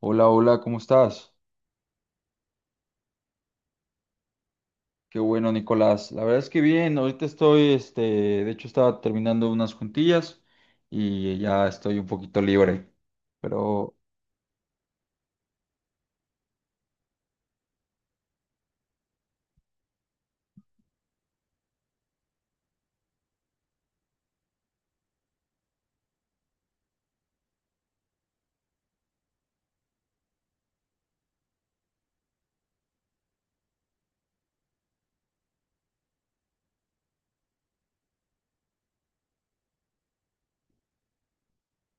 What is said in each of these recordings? Hola, hola, ¿cómo estás? Qué bueno, Nicolás. La verdad es que bien, ahorita estoy, de hecho estaba terminando unas juntillas y ya estoy un poquito libre. Pero,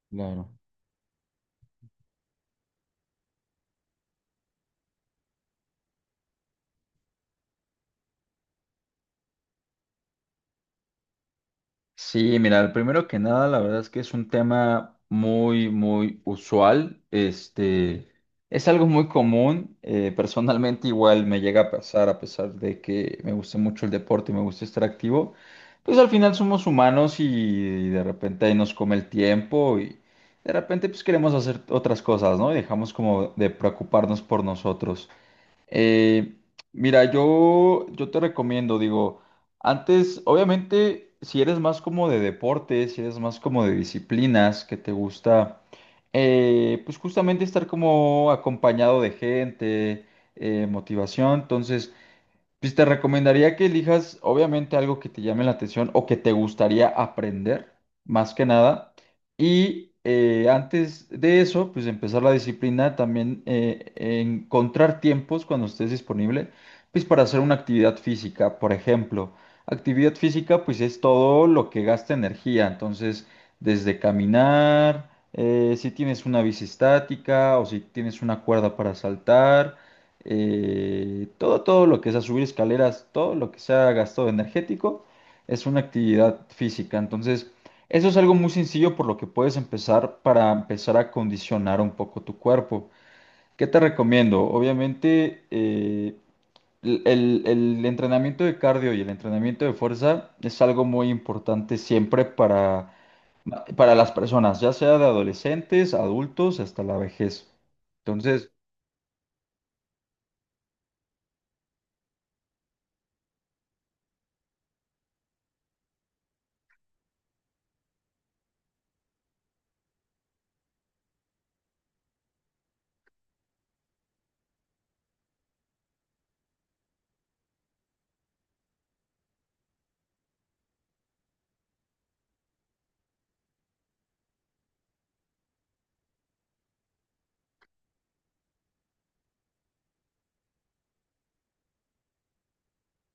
claro. Sí, mira, primero que nada, la verdad es que es un tema muy, muy usual. Es algo muy común. Personalmente igual me llega a pasar, a pesar de que me gusta mucho el deporte y me gusta estar activo. Pues al final somos humanos y de repente ahí nos come el tiempo y de repente pues queremos hacer otras cosas, ¿no? Y dejamos como de preocuparnos por nosotros. Eh, Mira, yo te recomiendo, digo, antes, obviamente, si eres más como de deportes, si eres más como de disciplinas, que te gusta, pues justamente estar como acompañado de gente, motivación, entonces... Pues te recomendaría que elijas, obviamente, algo que te llame la atención o que te gustaría aprender, más que nada. Y antes de eso, pues empezar la disciplina, también encontrar tiempos cuando estés disponible, pues para hacer una actividad física, por ejemplo. Actividad física, pues es todo lo que gasta energía. Entonces, desde caminar, si tienes una bici estática o si tienes una cuerda para saltar, todo, todo lo que sea subir escaleras, todo lo que sea gasto energético, es una actividad física. Entonces, eso es algo muy sencillo por lo que puedes empezar para empezar a condicionar un poco tu cuerpo. ¿Qué te recomiendo? Obviamente, el entrenamiento de cardio y el entrenamiento de fuerza es algo muy importante siempre para las personas, ya sea de adolescentes, adultos, hasta la vejez. Entonces,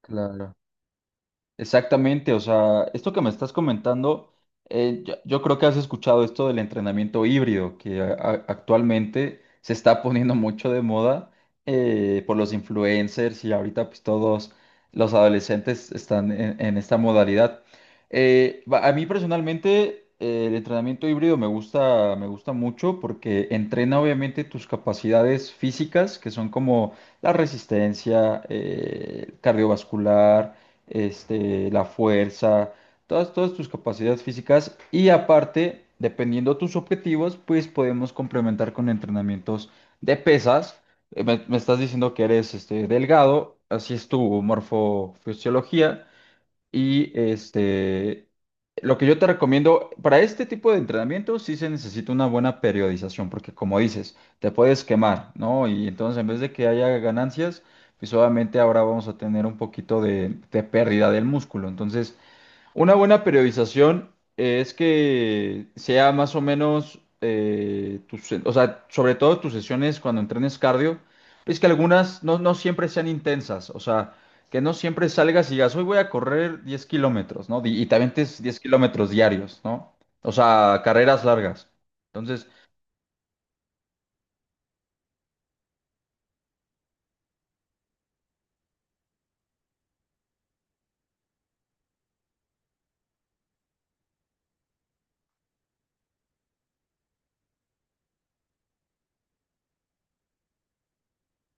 claro. Exactamente, o sea, esto que me estás comentando, yo creo que has escuchado esto del entrenamiento híbrido, que actualmente se está poniendo mucho de moda por los influencers y ahorita pues todos los adolescentes están en esta modalidad. A mí personalmente el entrenamiento híbrido me gusta mucho porque entrena obviamente tus capacidades físicas, que son como la resistencia, cardiovascular, la fuerza, todas, todas tus capacidades físicas y aparte, dependiendo tus objetivos, pues podemos complementar con entrenamientos de pesas. Me estás diciendo que eres, delgado, así es tu morfofisiología. Y lo que yo te recomiendo para este tipo de entrenamiento sí se necesita una buena periodización, porque como dices, te puedes quemar, ¿no? Y entonces en vez de que haya ganancias, pues obviamente ahora vamos a tener un poquito de pérdida del músculo. Entonces, una buena periodización es que sea más o menos, tus, o sea, sobre todo tus sesiones cuando entrenes cardio, es que algunas no, no siempre sean intensas, o sea, que no siempre salgas y digas, hoy voy a correr 10 kilómetros, ¿no? Y también te avientes 10 kilómetros diarios, ¿no? O sea, carreras largas. Entonces,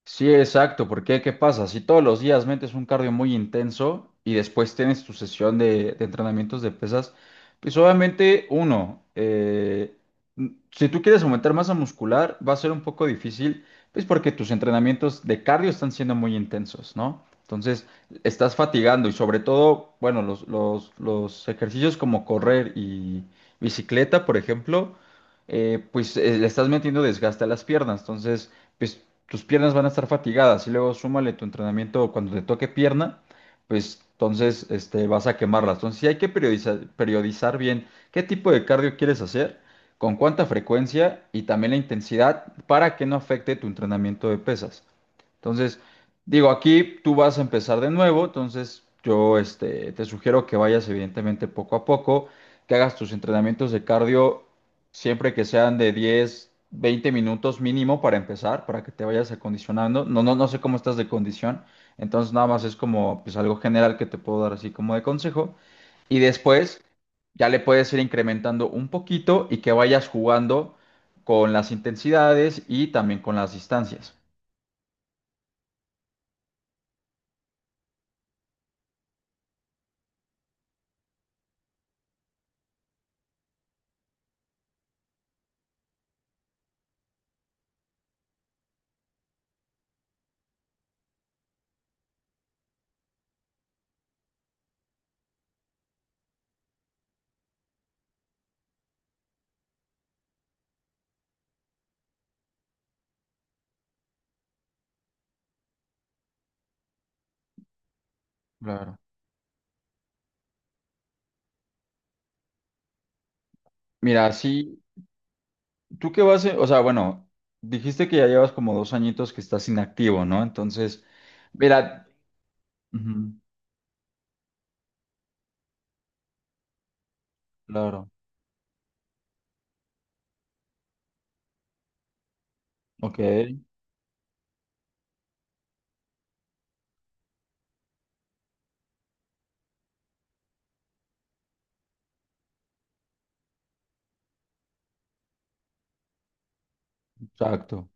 sí, exacto, porque ¿qué pasa? Si todos los días metes un cardio muy intenso y después tienes tu sesión de entrenamientos de pesas, pues obviamente uno, si tú quieres aumentar masa muscular va a ser un poco difícil, pues porque tus entrenamientos de cardio están siendo muy intensos, ¿no? Entonces estás fatigando y sobre todo, bueno, los ejercicios como correr y bicicleta, por ejemplo, le estás metiendo desgaste a las piernas, entonces pues tus piernas van a estar fatigadas y luego súmale tu entrenamiento cuando te toque pierna, pues entonces, vas a quemarlas. Entonces sí hay que periodizar, periodizar bien qué tipo de cardio quieres hacer, con cuánta frecuencia y también la intensidad para que no afecte tu entrenamiento de pesas. Entonces, digo, aquí tú vas a empezar de nuevo, entonces yo, te sugiero que vayas evidentemente poco a poco, que hagas tus entrenamientos de cardio siempre que sean de 10 20 minutos mínimo para empezar, para que te vayas acondicionando. No, no sé cómo estás de condición. Entonces nada más es como pues algo general que te puedo dar así como de consejo. Y después ya le puedes ir incrementando un poquito y que vayas jugando con las intensidades y también con las distancias. Claro. Mira, sí, tú qué vas, a- o sea, bueno, dijiste que ya llevas como dos añitos que estás inactivo, ¿no? Entonces, mira, ujú, claro, ok, exacto.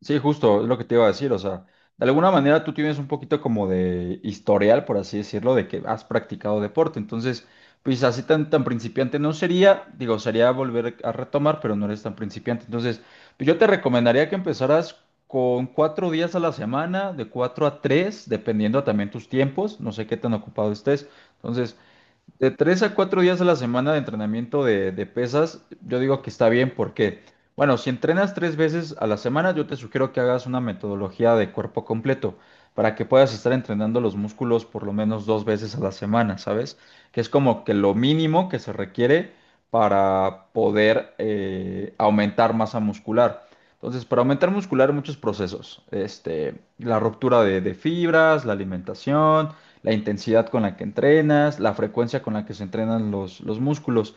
Sí, justo, es lo que te iba a decir, o sea, de alguna manera tú tienes un poquito como de historial, por así decirlo, de que has practicado deporte, entonces, pues así tan, tan principiante no sería, digo, sería volver a retomar, pero no eres tan principiante, entonces, pues, yo te recomendaría que empezaras con cuatro días a la semana, de cuatro a tres, dependiendo también tus tiempos, no sé qué tan ocupado estés, entonces, de tres a cuatro días a la semana de entrenamiento de pesas, yo digo que está bien porque, bueno, si entrenas tres veces a la semana, yo te sugiero que hagas una metodología de cuerpo completo para que puedas estar entrenando los músculos por lo menos dos veces a la semana, ¿sabes? Que es como que lo mínimo que se requiere para poder, aumentar masa muscular. Entonces, para aumentar muscular, muchos procesos. La ruptura de fibras, la alimentación, la intensidad con la que entrenas, la frecuencia con la que se entrenan los músculos.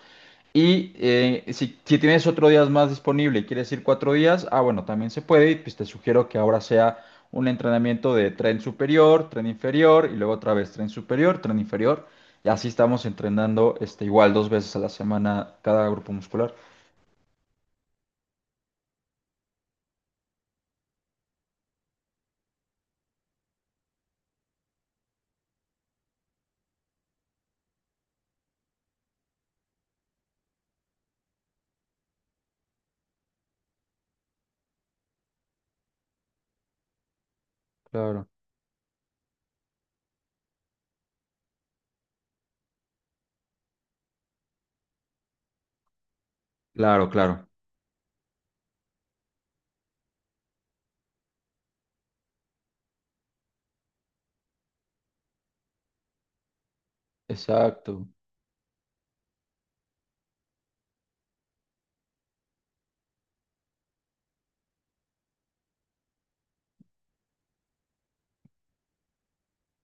Y si, si tienes otro día más disponible y quieres ir cuatro días, ah, bueno, también se puede. Y pues te sugiero que ahora sea un entrenamiento de tren superior, tren inferior y luego otra vez tren superior, tren inferior. Y así estamos entrenando, igual dos veces a la semana cada grupo muscular. Claro. Claro, claro. Exacto.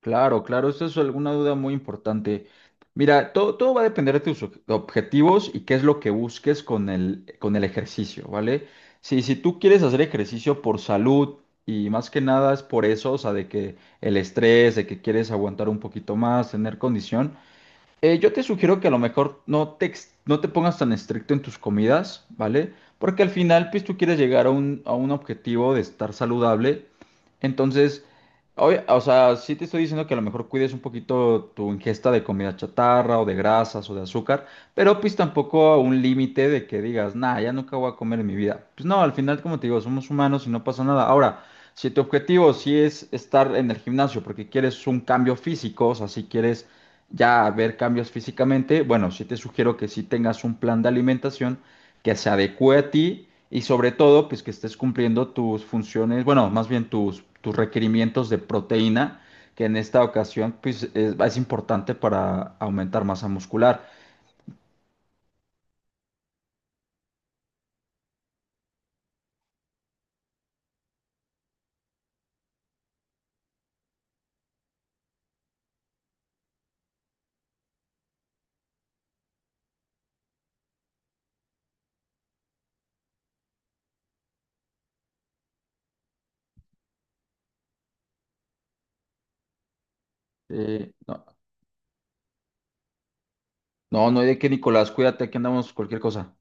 Claro, claro, esa es alguna duda muy importante. Mira, todo, todo va a depender de tus objetivos y qué es lo que busques con el ejercicio, ¿vale? Si, si tú quieres hacer ejercicio por salud y más que nada es por eso, o sea, de que el estrés, de que quieres aguantar un poquito más, tener condición. Yo te sugiero que a lo mejor no te, no te pongas tan estricto en tus comidas, ¿vale? Porque al final, pues tú quieres llegar a un objetivo de estar saludable. Entonces, o sea, sí te estoy diciendo que a lo mejor cuides un poquito tu ingesta de comida chatarra o de grasas o de azúcar, pero pues tampoco a un límite de que digas, nah, ya nunca voy a comer en mi vida. Pues no, al final, como te digo, somos humanos y no pasa nada. Ahora, si tu objetivo sí es estar en el gimnasio porque quieres un cambio físico, o sea, si quieres ya ver cambios físicamente, bueno, sí te sugiero que sí tengas un plan de alimentación que se adecue a ti y sobre todo, pues que estés cumpliendo tus funciones, bueno, más bien tus, tus requerimientos de proteína, que en esta ocasión, pues es importante para aumentar masa muscular. No, no, no hay de qué, Nicolás, cuídate, que andamos cualquier cosa.